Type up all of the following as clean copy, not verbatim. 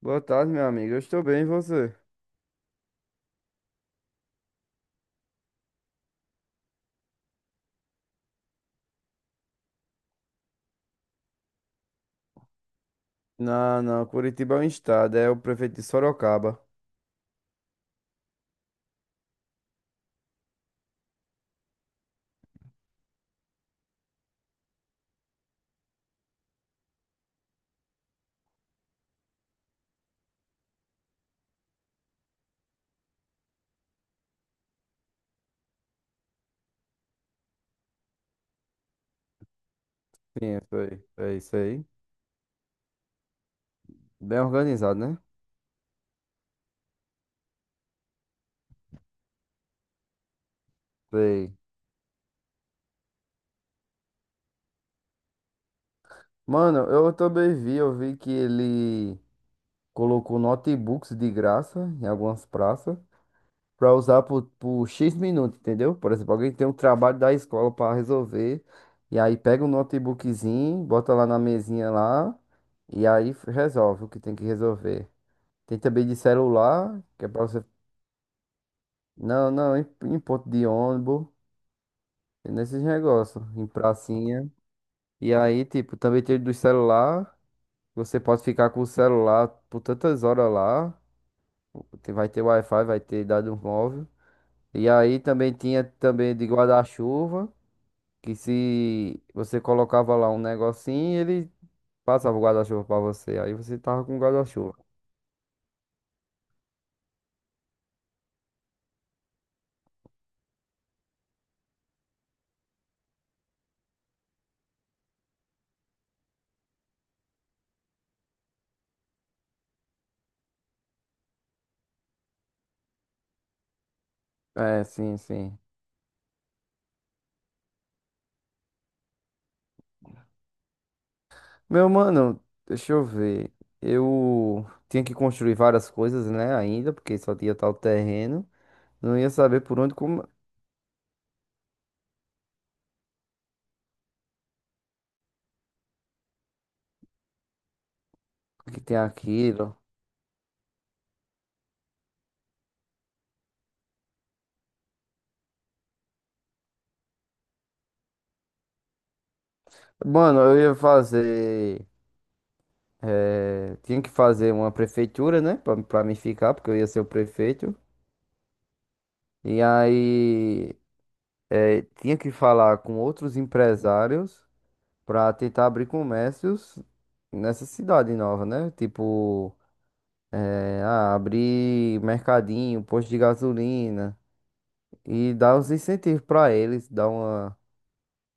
Boa tarde, meu amigo. Eu estou bem, e você? Não, não. Curitiba é um estado, é o prefeito de Sorocaba. Sim, foi. É isso aí. Bem organizado, né? Sei. Mano, eu também vi, eu vi que ele colocou notebooks de graça em algumas praças para usar por X minutos, entendeu? Por exemplo, alguém tem um trabalho da escola para resolver e aí pega um notebookzinho, bota lá na mesinha lá e aí resolve o que tem que resolver. Tem também de celular, que é para. Não, não, em ponto de ônibus, nesses negócios, em pracinha. E aí, tipo, também tem do celular. Você pode ficar com o celular por tantas horas lá. Tem- Vai ter Wi-Fi, vai ter dado um móvel. E aí também tinha também de guarda-chuva, que se você colocava lá um negocinho, ele passava o guarda-chuva pra você. Aí você tava com o guarda-chuva. É, sim, sim. Meu mano, deixa eu ver. Eu tinha que construir várias coisas, né, ainda, porque só tinha tal terreno. Não ia saber por onde como que tem aquilo. Mano, eu ia fazer. Tinha que fazer uma prefeitura, né, pra mim ficar, porque eu ia ser o prefeito. E aí, tinha que falar com outros empresários pra tentar abrir comércios nessa cidade nova, né? Tipo, abrir mercadinho, posto de gasolina. E dá uns incentivos pra eles, dá uma,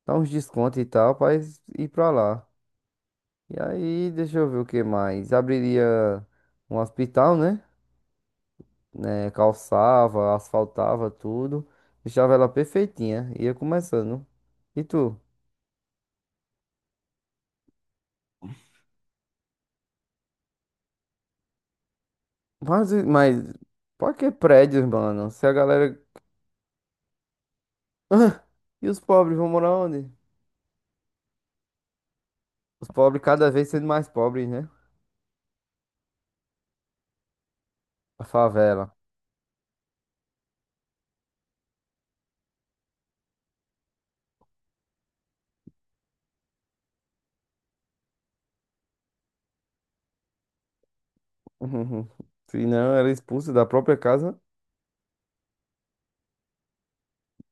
dá uns descontos e tal, pra eles ir pra lá. E aí, deixa eu ver o que mais. Abriria um hospital, né? Né, calçava, asfaltava tudo, deixava ela perfeitinha, ia começando. E tu? Mas, mas, Pra que prédios, mano? Se a galera. E os pobres vão morar onde? Os pobres cada vez sendo mais pobres, né? A favela. Se não, ela é expulsa da própria casa,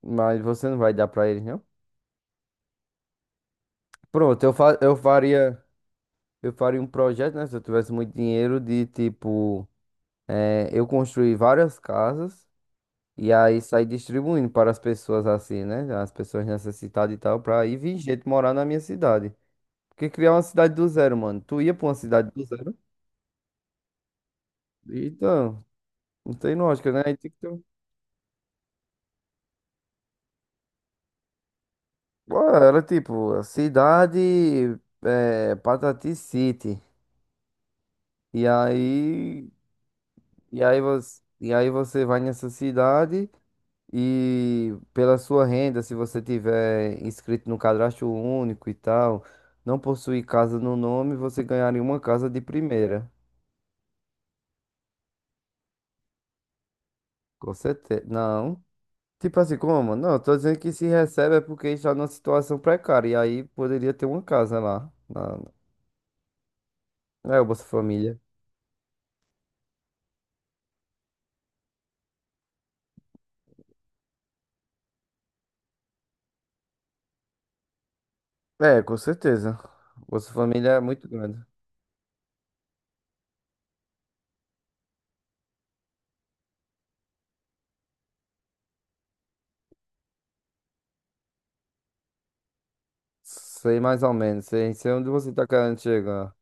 mas você não vai dar pra eles, não? Pronto, eu, fa eu faria um projeto, né? Se eu tivesse muito dinheiro, de tipo, eu construir várias casas e aí sair distribuindo para as pessoas assim, né? As pessoas necessitadas e tal, pra ir vir gente morar na minha cidade. Porque criar uma cidade do zero, mano. Tu ia pra uma cidade do zero? Então, não tem lógica, né? Aí tem que ter um. Pô, era tipo, a cidade, Patati City. E aí, e aí você vai nessa cidade. E pela sua renda, se você tiver inscrito no cadastro único e tal, não possuir casa no nome, você ganharia uma casa de primeira. Com certeza. Não. Tipo assim, como? Não, eu tô dizendo que se recebe é porque está numa situação precária. E aí poderia ter uma casa lá. Na. É o Bolsa Família. É, com certeza. O Bolsa Família é muito grande. Sei mais ou menos. Sei, sei onde você tá querendo chegar.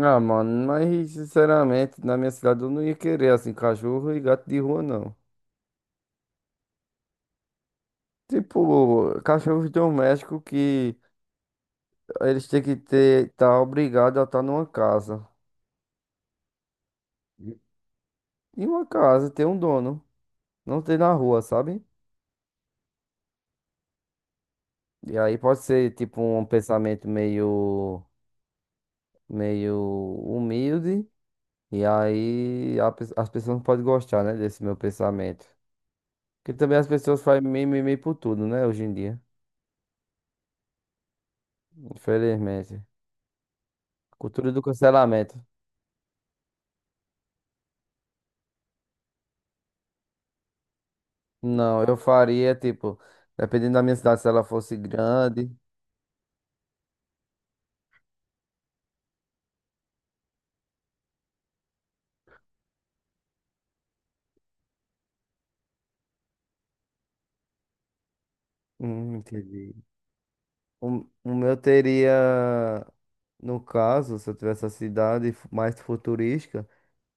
Ah, mano, mas sinceramente, na minha cidade eu não ia querer assim, cachorro e gato de rua, não. Tipo, cachorros domésticos que eles têm que ter, tá obrigado a estar numa casa. E uma casa tem um dono, não tem na rua, sabe? E aí pode ser tipo um pensamento meio, meio humilde, e aí as pessoas não podem gostar, né, desse meu pensamento. Porque também as pessoas fazem mimimi por tudo, né, hoje em dia, infelizmente. Cultura do cancelamento. Não, eu faria, tipo, dependendo da minha cidade, se ela fosse grande. Entendi. O meu teria, no caso, se eu tivesse a cidade mais futurística,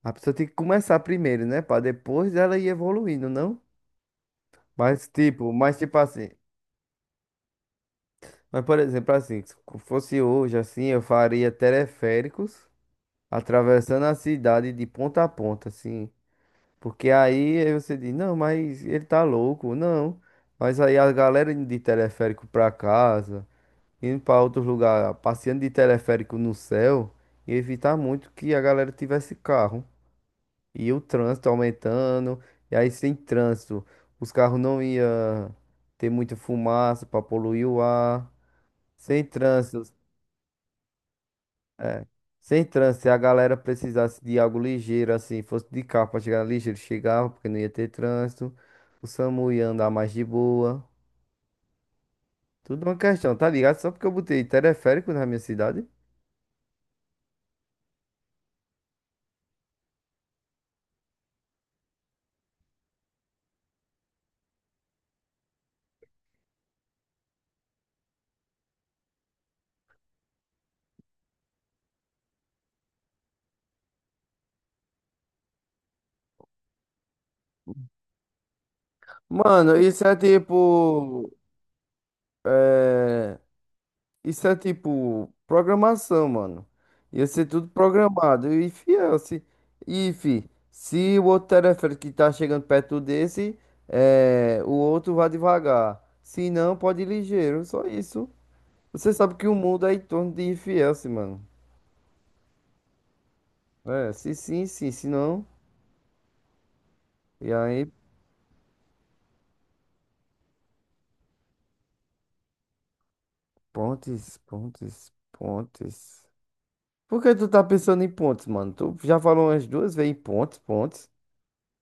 a pessoa tem que começar primeiro, né? Pra depois ela ir evoluindo, não? Mas tipo assim. Mas, por exemplo, assim, se fosse hoje, assim, eu faria teleféricos atravessando a cidade de ponta a ponta, assim. Porque aí você diz, não, mas ele tá louco, não. Mas aí a galera indo de teleférico pra casa, indo pra outros lugares, passeando de teleférico no céu, ia evitar muito que a galera tivesse carro. E o trânsito aumentando, e aí sem trânsito, os carros não iam ter muita fumaça pra poluir o ar. Sem trânsito, Sem trânsito, Se a galera precisasse de algo ligeiro, assim, fosse de carro pra chegar ligeiro, chegava, porque não ia ter trânsito. O SAMU ia andar mais de boa. Tudo uma questão, tá ligado? Só porque eu botei teleférico na minha cidade. Mano, isso é tipo. Isso é tipo programação, mano. Ia ser tudo programado. E fiel, se, e, fi, Se o outro teleférico que tá chegando perto desse, o outro vai devagar. Se não, pode ir ligeiro. Só isso. Você sabe que o mundo é em torno de IFS, mano. É, se sim, sim, se não. E aí, pontes. Por que tu tá pensando em pontes, mano? Tu já falou umas 2 vezes em pontes.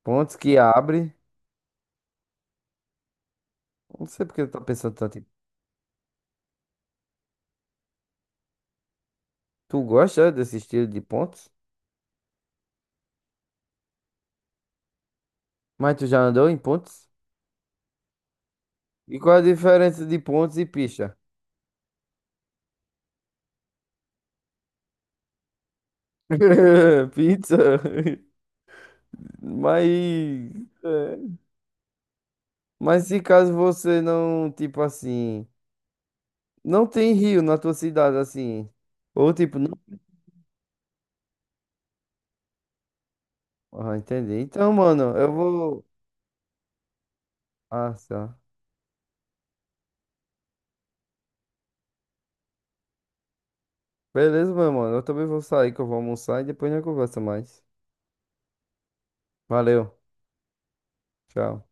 Pontes que abre. Não sei por que tu tá pensando tanto em. Tu gosta desse estilo de pontes? Mas tu já andou em pontes? E qual a diferença de pontes e pista? Pizza. Mas, é, mas se caso você não, tipo assim, não tem rio na tua cidade, assim, ou tipo, não. Ah, entendi. Então, mano, eu vou. Ah, tá. Beleza, meu mano. Eu também vou sair, que eu vou almoçar e depois a gente conversa mais. Valeu. Tchau.